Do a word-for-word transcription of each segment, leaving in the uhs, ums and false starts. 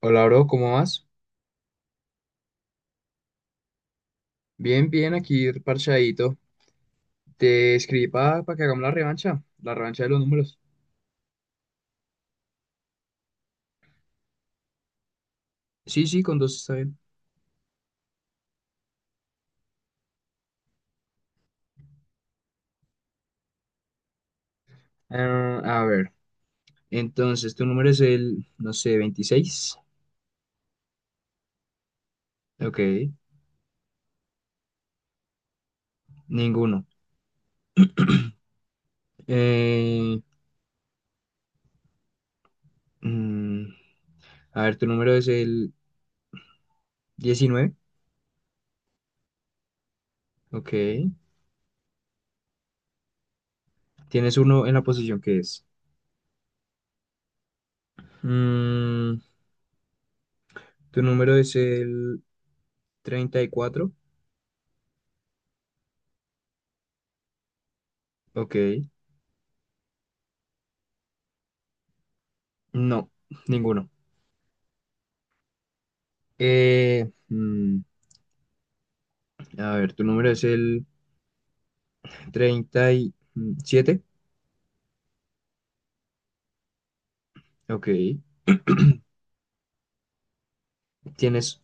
Hola, bro, ¿cómo vas? Bien, bien, aquí parchadito. Te escribí para que hagamos la revancha, la revancha de los números. Sí, sí, con dos está bien. Ah, a ver, entonces tu número es el, no sé, veintiséis. Ok, ninguno. Eh, mm, a ver, tu número es el diecinueve. Ok, tienes uno en la posición que es. Mm, Tu número es el treinta y cuatro. Ok, no, ninguno. Eh, mm, A ver, tu número es el treinta y siete. Ok. Tienes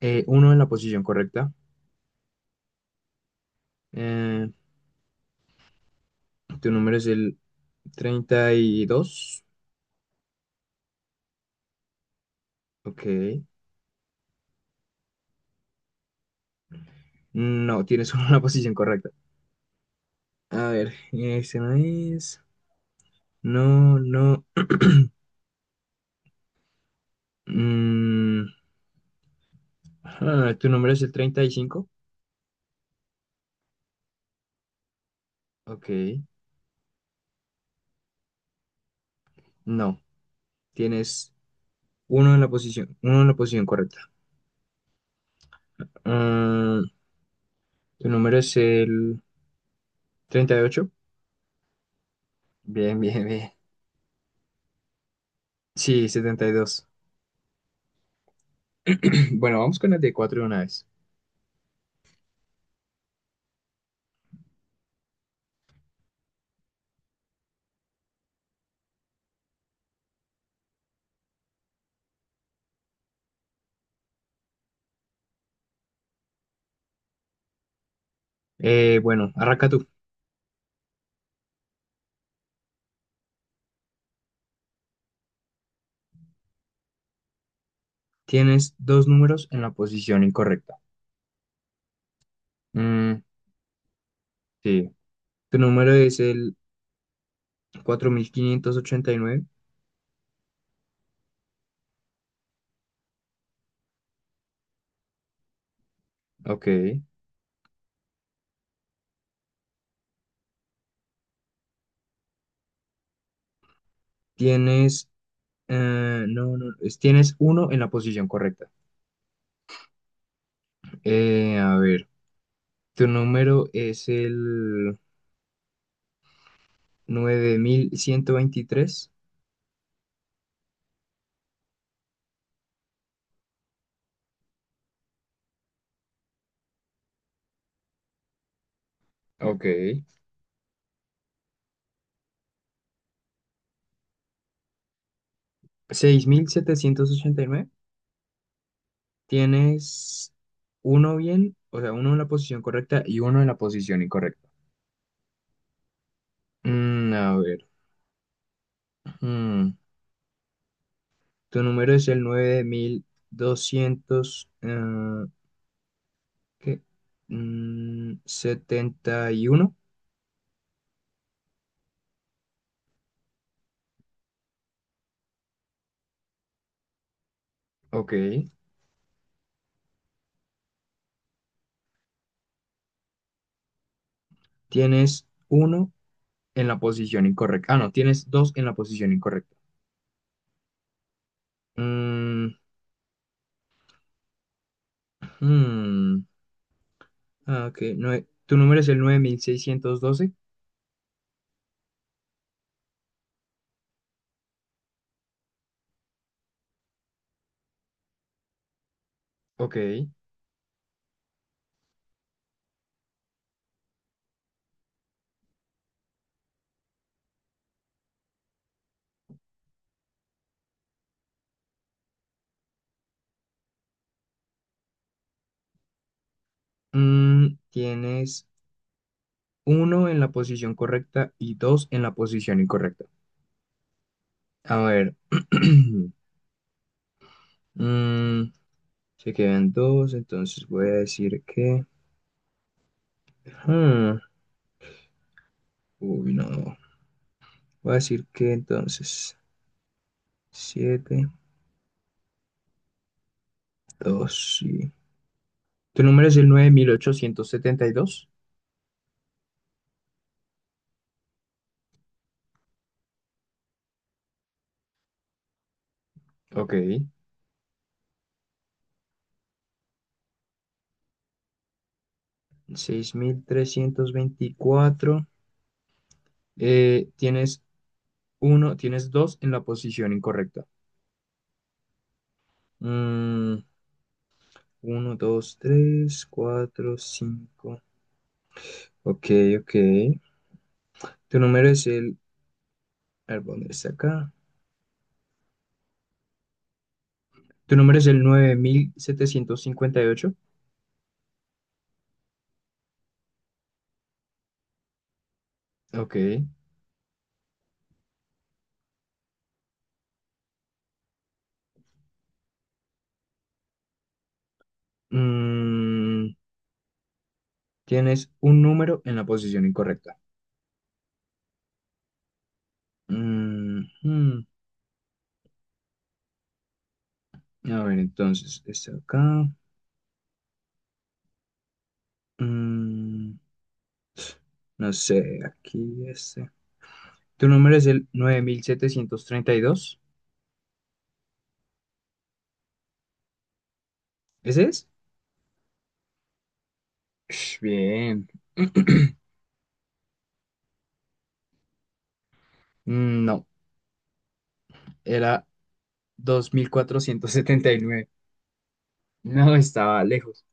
eh, uno en la posición correcta. Eh, Tu número es el treinta y dos. Ok. No, tienes uno en la posición correcta. A ver, ese no es. No, no. Mm, ah, tu número es el treinta y cinco. Ok. No, tienes uno en la posición, uno en la posición correcta. Mm, Tu número es el treinta y ocho. Bien, bien, bien. Sí, setenta y dos. Bueno, vamos con las de cuatro de una vez. Eh, bueno, arranca tú. Tienes dos números en la posición incorrecta. Mm, sí. Tu número es el cuatro mil quinientos ochenta y nueve. Ok. Tienes. Eh, no, no. es- Tienes uno en la posición correcta. Eh, a ver. Tu número es el nueve mil ciento veintitrés. Ok. Seis mil setecientos ochenta y nueve. Tienes uno bien, o sea, uno en la posición correcta y uno en la posición incorrecta. Mm, a ver. mm, Tu número es el nueve mil doscientos, eh, ¿qué? Mm, setenta y uno. Ok. Tienes uno en la posición incorrecta. Ah, no, tienes dos en la posición incorrecta. Mm, hmm, ah, ok. Nue- tu número es el nueve mil seiscientos doce. Ok. Mm, tienes uno en la posición correcta y dos en la posición incorrecta. A ver. mm, Se quedan dos, entonces voy a decir que. Hmm, Uy, no. Voy a decir que entonces. Siete, dos, sí. ¿Tu número es el nueve mil ochocientos setenta y dos? Ok. seis mil trescientos veinticuatro. Eh, tienes uno, tienes dos en la posición incorrecta. Mm, Uno, dos, tres, cuatro, cinco. Ok, ok. Tu número es el... A ver, ¿dónde está acá? Tu número es el nueve mil setecientos cincuenta y ocho. Ok. Mm, Tienes un número en la posición incorrecta. Mm, mm. A ver, entonces, está acá. Mm, no sé, aquí este. Tu número es el nueve mil setecientos treinta y dos. ¿Ese es? Ush, bien. Mm, no, era dos mil cuatrocientos setenta y nueve. No, estaba lejos.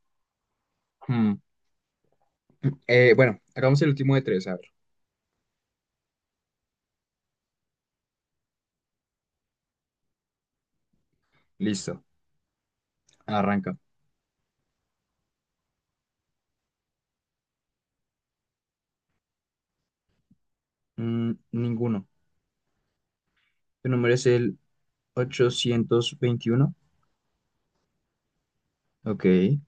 Hmm. Eh, bueno, hagamos el último de tres. A ver, listo. Arranca. Mm, ninguno. Tu número es el ochocientos veintiuno. Ok.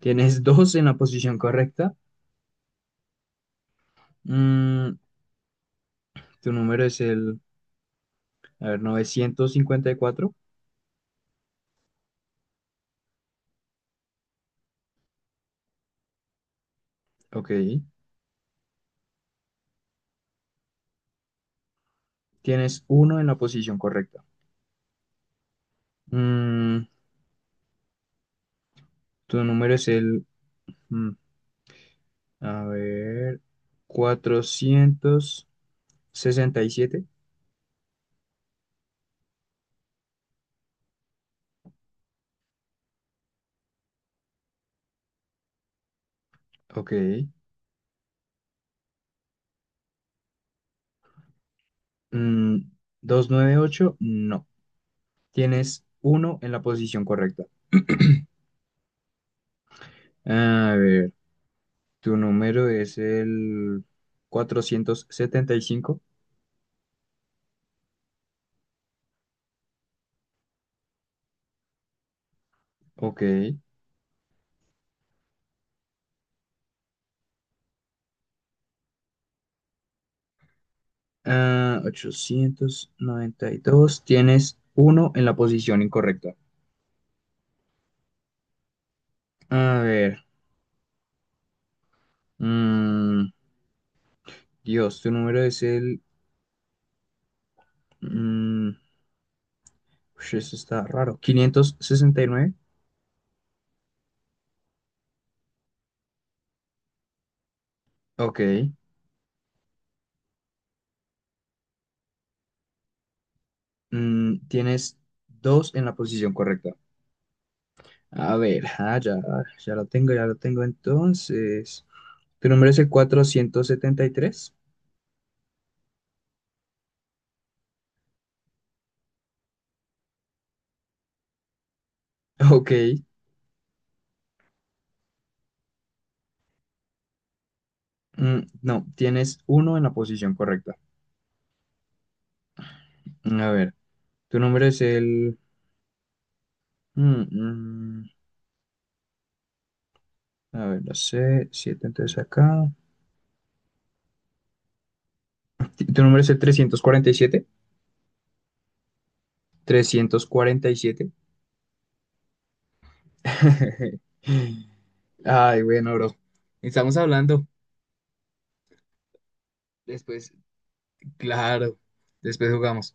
Tienes dos en la posición correcta. Mm, Tu número es el, a ver, novecientos cincuenta y cuatro. Ok. Tienes uno en la posición correcta. Mm, Tu número es el, mm, a ver, cuatrocientos sesenta y siete. Ok. Mm, Doscientos noventa y ocho, no. Tienes uno en la posición correcta. A ver, tu número es el cuatrocientos setenta y cinco. Ok. Ah, ochocientos noventa y dos. Tienes uno en la posición incorrecta. A ver. mm, Dios, tu número es el... mm, Ush, eso está raro. quinientos sesenta y nueve. Ok. Mm, tienes dos en la posición correcta. A ver, ah, ya, ya lo tengo, ya lo tengo entonces. ¿Tu número es el cuatrocientos setenta y tres? Ok. Mm, no, tienes uno en la posición correcta. Mm, A ver, tu número es el... mm, mm, a ver, no sé, siete entonces acá. Ti- ¿Tu número es el trescientos Trescientos cuarenta cuarenta y siete? Trescientos cuarenta y siete. Ay, bueno, bro. Estamos hablando. Después, claro. Después jugamos.